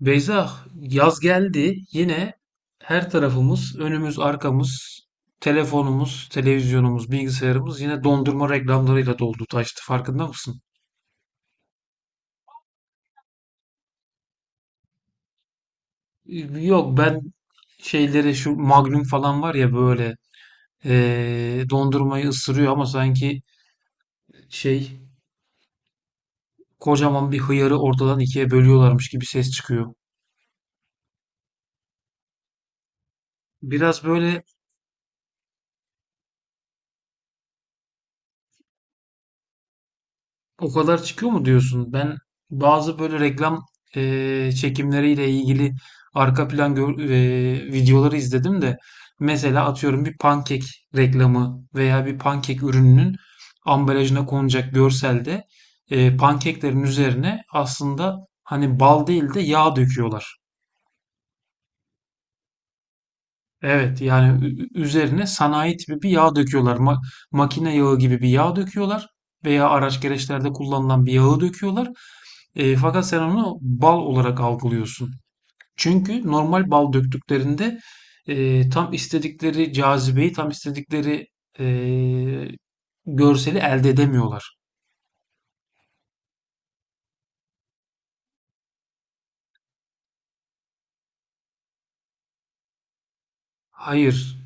Beyza, yaz geldi. Yine her tarafımız, önümüz, arkamız, telefonumuz, televizyonumuz, bilgisayarımız yine dondurma reklamlarıyla doldu, taştı. Farkında mısın? Ee, Yok, ben şeyleri şu Magnum falan var ya böyle dondurmayı ısırıyor ama sanki şey kocaman bir hıyarı ortadan ikiye bölüyorlarmış gibi ses çıkıyor. Biraz böyle o kadar çıkıyor mu diyorsun? Ben bazı böyle reklam çekimleriyle ilgili arka plan videoları izledim de. Mesela atıyorum bir pankek reklamı veya bir pankek ürününün ambalajına konacak görselde pankeklerin üzerine aslında hani bal değil de yağ döküyorlar. Evet yani üzerine sanayi tipi bir yağ döküyorlar. Makine yağı gibi bir yağ döküyorlar veya araç gereçlerde kullanılan bir yağı döküyorlar. Fakat sen onu bal olarak algılıyorsun. Çünkü normal bal döktüklerinde tam istedikleri cazibeyi, tam istedikleri e, görseli elde edemiyorlar. Hayır,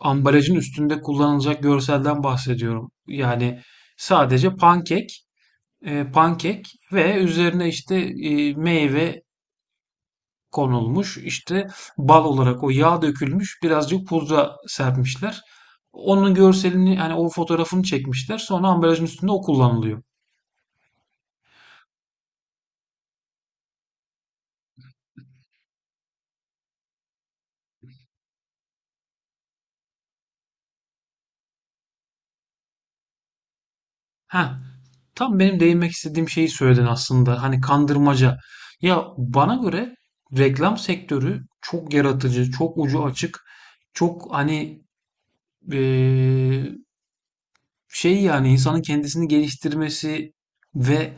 ambalajın üstünde kullanılacak görselden bahsediyorum. Yani sadece pankek, pankek ve üzerine işte meyve konulmuş. İşte bal olarak o yağ dökülmüş. Birazcık pudra serpmişler. Onun görselini yani o fotoğrafını çekmişler. Sonra ambalajın üstünde o kullanılıyor. Heh, tam benim değinmek istediğim şeyi söyledin aslında. Hani kandırmaca. Ya bana göre reklam sektörü çok yaratıcı, çok ucu açık, çok hani eee, şey yani insanın kendisini geliştirmesi ve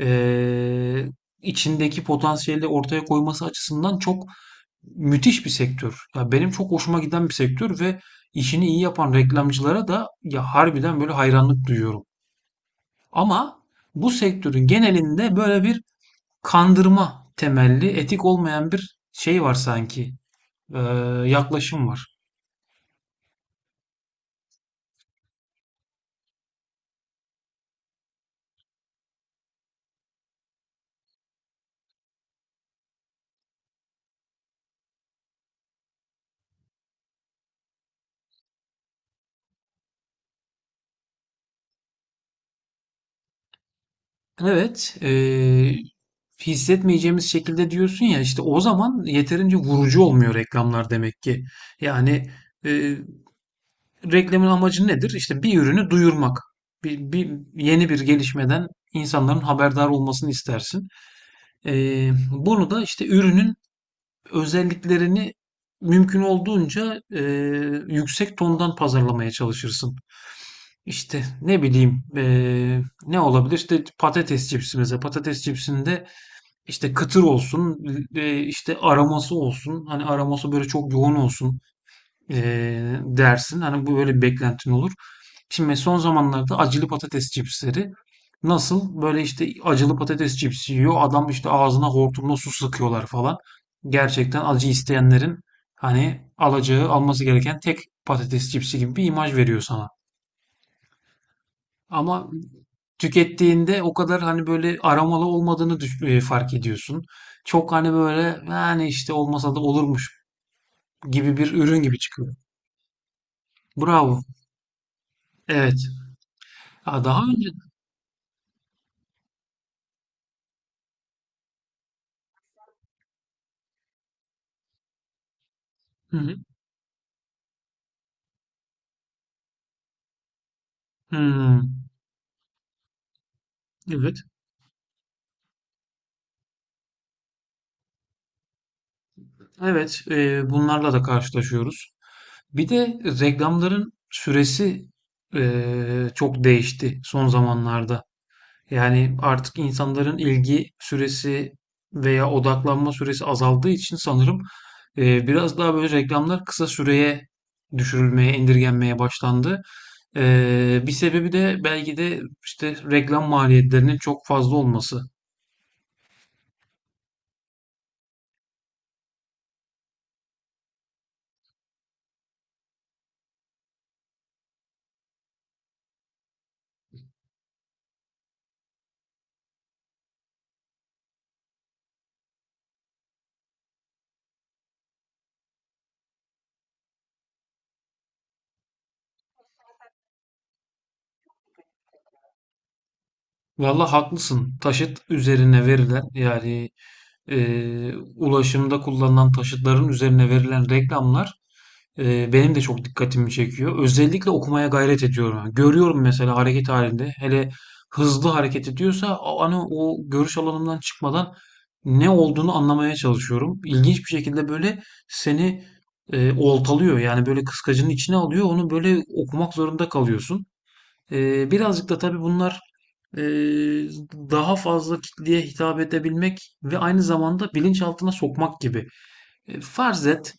eee, içindeki potansiyeli ortaya koyması açısından çok müthiş bir sektör. Ya benim çok hoşuma giden bir sektör ve işini iyi yapan reklamcılara da ya harbiden böyle hayranlık duyuyorum. Ama bu sektörün genelinde böyle bir kandırma temelli, etik olmayan bir şey var sanki. Ee, Yaklaşım var. Evet, hissetmeyeceğimiz şekilde diyorsun ya işte o zaman yeterince vurucu olmuyor reklamlar demek ki. Yani e, reklamın amacı nedir? İşte bir ürünü duyurmak. Bir yeni bir gelişmeden insanların haberdar olmasını istersin. Ee, Bunu da işte ürünün özelliklerini mümkün olduğunca yüksek tondan pazarlamaya çalışırsın. İşte ne bileyim ne olabilir? İşte patates cipsi mesela. Patates cipsinde işte kıtır olsun, işte aroması olsun. Hani aroması böyle çok yoğun olsun dersin. Hani bu böyle bir beklentin olur. Şimdi son zamanlarda acılı patates cipsleri nasıl böyle işte acılı patates cipsi yiyor. Adam işte ağzına hortumla su sıkıyorlar falan. Gerçekten acı isteyenlerin hani alacağı alması gereken tek patates cipsi gibi bir imaj veriyor sana. Ama tükettiğinde o kadar hani böyle aromalı olmadığını fark ediyorsun. Çok hani böyle yani işte olmasa da olurmuş gibi bir ürün gibi çıkıyor. Bravo. Evet. Aa, daha önce... Hı hı. Hmm. Evet. Evet, bunlarla da karşılaşıyoruz. Bir de reklamların süresi çok değişti son zamanlarda. Yani artık insanların ilgi süresi veya odaklanma süresi azaldığı için sanırım biraz daha böyle reklamlar kısa süreye düşürülmeye, indirgenmeye başlandı. Bir sebebi de belki de işte reklam maliyetlerinin çok fazla olması. Valla haklısın. Taşıt üzerine verilen yani e, ulaşımda kullanılan taşıtların üzerine verilen reklamlar benim de çok dikkatimi çekiyor. Özellikle okumaya gayret ediyorum. Yani görüyorum mesela hareket halinde hele hızlı hareket ediyorsa hani o görüş alanımdan çıkmadan ne olduğunu anlamaya çalışıyorum. İlginç bir şekilde böyle seni oltalıyor. Yani böyle kıskacının içine alıyor. Onu böyle okumak zorunda kalıyorsun. Birazcık da tabii bunlar e, daha fazla kitleye hitap edebilmek ve aynı zamanda bilinçaltına sokmak gibi. Farz et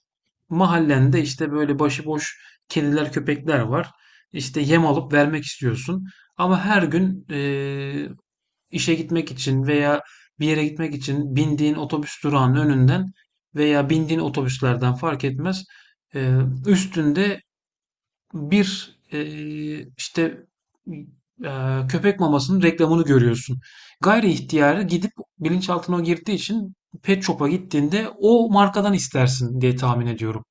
mahallende işte böyle başıboş kediler köpekler var. İşte yem alıp vermek istiyorsun. Ama her gün işe gitmek için veya bir yere gitmek için bindiğin otobüs durağının önünden veya bindiğin otobüslerden fark etmez. e, Üstünde bir işte köpek mamasının reklamını görüyorsun. Gayri ihtiyarı gidip bilinçaltına o girdiği için pet shop'a gittiğinde o markadan istersin diye tahmin ediyorum.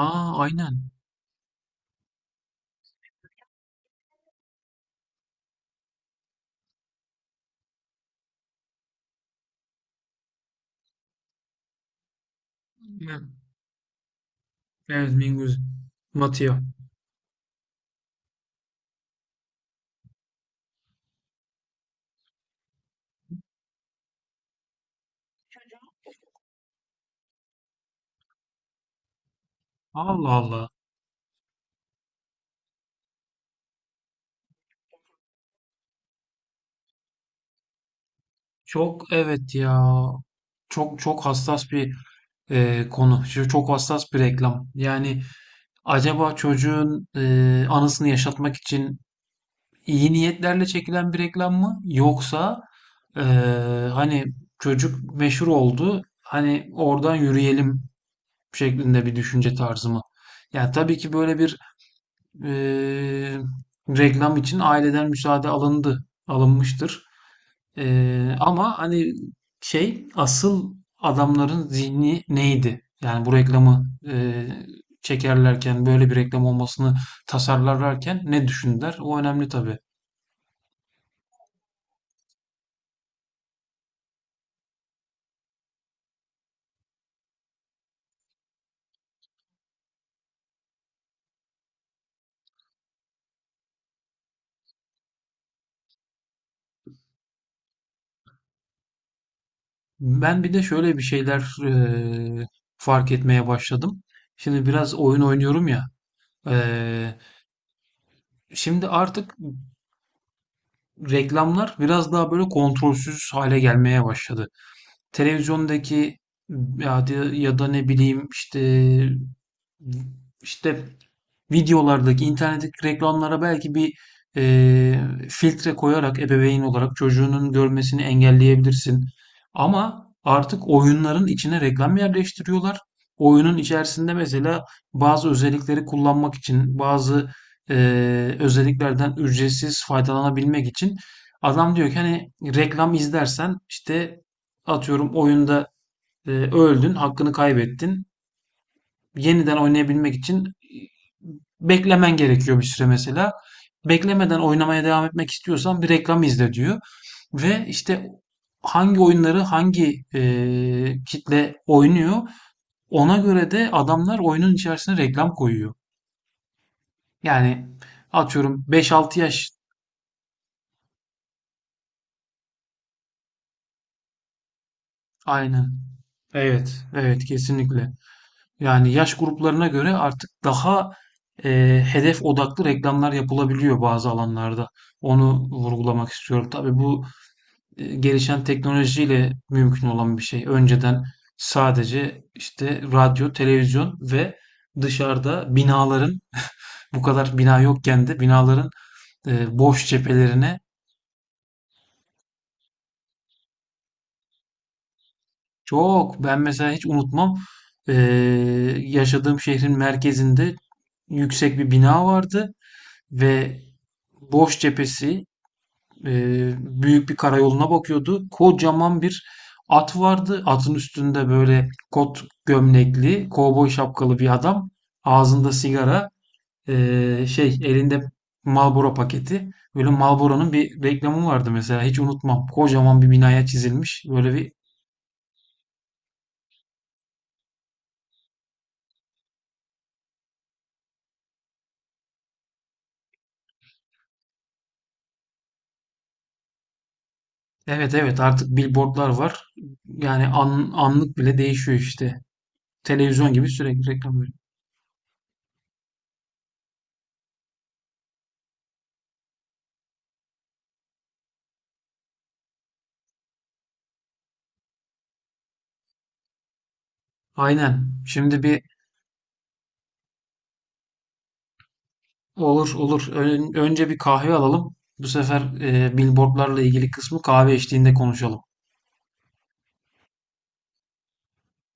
Aa aynen. Evet, evet, Mingus. Matia. Allah Allah. Çok evet ya. Çok çok hassas bir konu. Çok hassas bir reklam. Yani acaba çocuğun anısını yaşatmak için iyi niyetlerle çekilen bir reklam mı? Yoksa eee, hani çocuk meşhur oldu, hani oradan yürüyelim şeklinde bir düşünce tarzı mı? Yani tabii ki böyle bir eee, reklam için aileden müsaade alındı, alınmıştır. Ama hani asıl adamların zihni neydi? Yani bu reklamı çekerlerken böyle bir reklam olmasını tasarlarlarken ne düşündüler? O önemli tabii. Ben bir de şöyle bir şeyler fark etmeye başladım. Şimdi biraz oyun oynuyorum ya. eee, Şimdi artık reklamlar biraz daha böyle kontrolsüz hale gelmeye başladı. Televizyondaki ya da ne bileyim işte işte videolardaki, internetteki reklamlara belki bir eee, filtre koyarak ebeveyn olarak çocuğunun görmesini engelleyebilirsin. Ama artık oyunların içine reklam yerleştiriyorlar. Oyunun içerisinde mesela bazı özellikleri kullanmak için, bazı özelliklerden ücretsiz faydalanabilmek için adam diyor ki hani reklam izlersen işte atıyorum oyunda öldün, hakkını kaybettin, yeniden oynayabilmek için beklemen gerekiyor bir süre mesela. Beklemeden oynamaya devam etmek istiyorsan bir reklam izle diyor. Ve işte hangi oyunları hangi kitle oynuyor ona göre de adamlar oyunun içerisine reklam koyuyor. Yani atıyorum beş altı yaş aynen. Evet, evet kesinlikle. Yani yaş gruplarına göre artık daha hedef odaklı reklamlar yapılabiliyor bazı alanlarda. Onu vurgulamak istiyorum. Tabii bu gelişen teknolojiyle mümkün olan bir şey. Önceden sadece işte radyo, televizyon ve dışarıda binaların bu kadar bina yokken de binaların boş cephelerine çok ben mesela hiç unutmam e, yaşadığım şehrin merkezinde yüksek bir bina vardı. Ve boş cephesi büyük bir karayoluna bakıyordu. Kocaman bir at vardı. Atın üstünde böyle kot gömlekli, kovboy şapkalı bir adam. Ağzında sigara, elinde Marlboro paketi. Böyle Marlboro'nun bir reklamı vardı mesela. Hiç unutmam. Kocaman bir binaya çizilmiş. Böyle bir evet evet artık billboardlar var. Yani anlık bile değişiyor işte. Televizyon gibi sürekli reklam veriyor. Aynen. Şimdi bir olur olur. Önce bir kahve alalım. Bu sefer billboardlarla ilgili kısmı kahve içtiğinde konuşalım.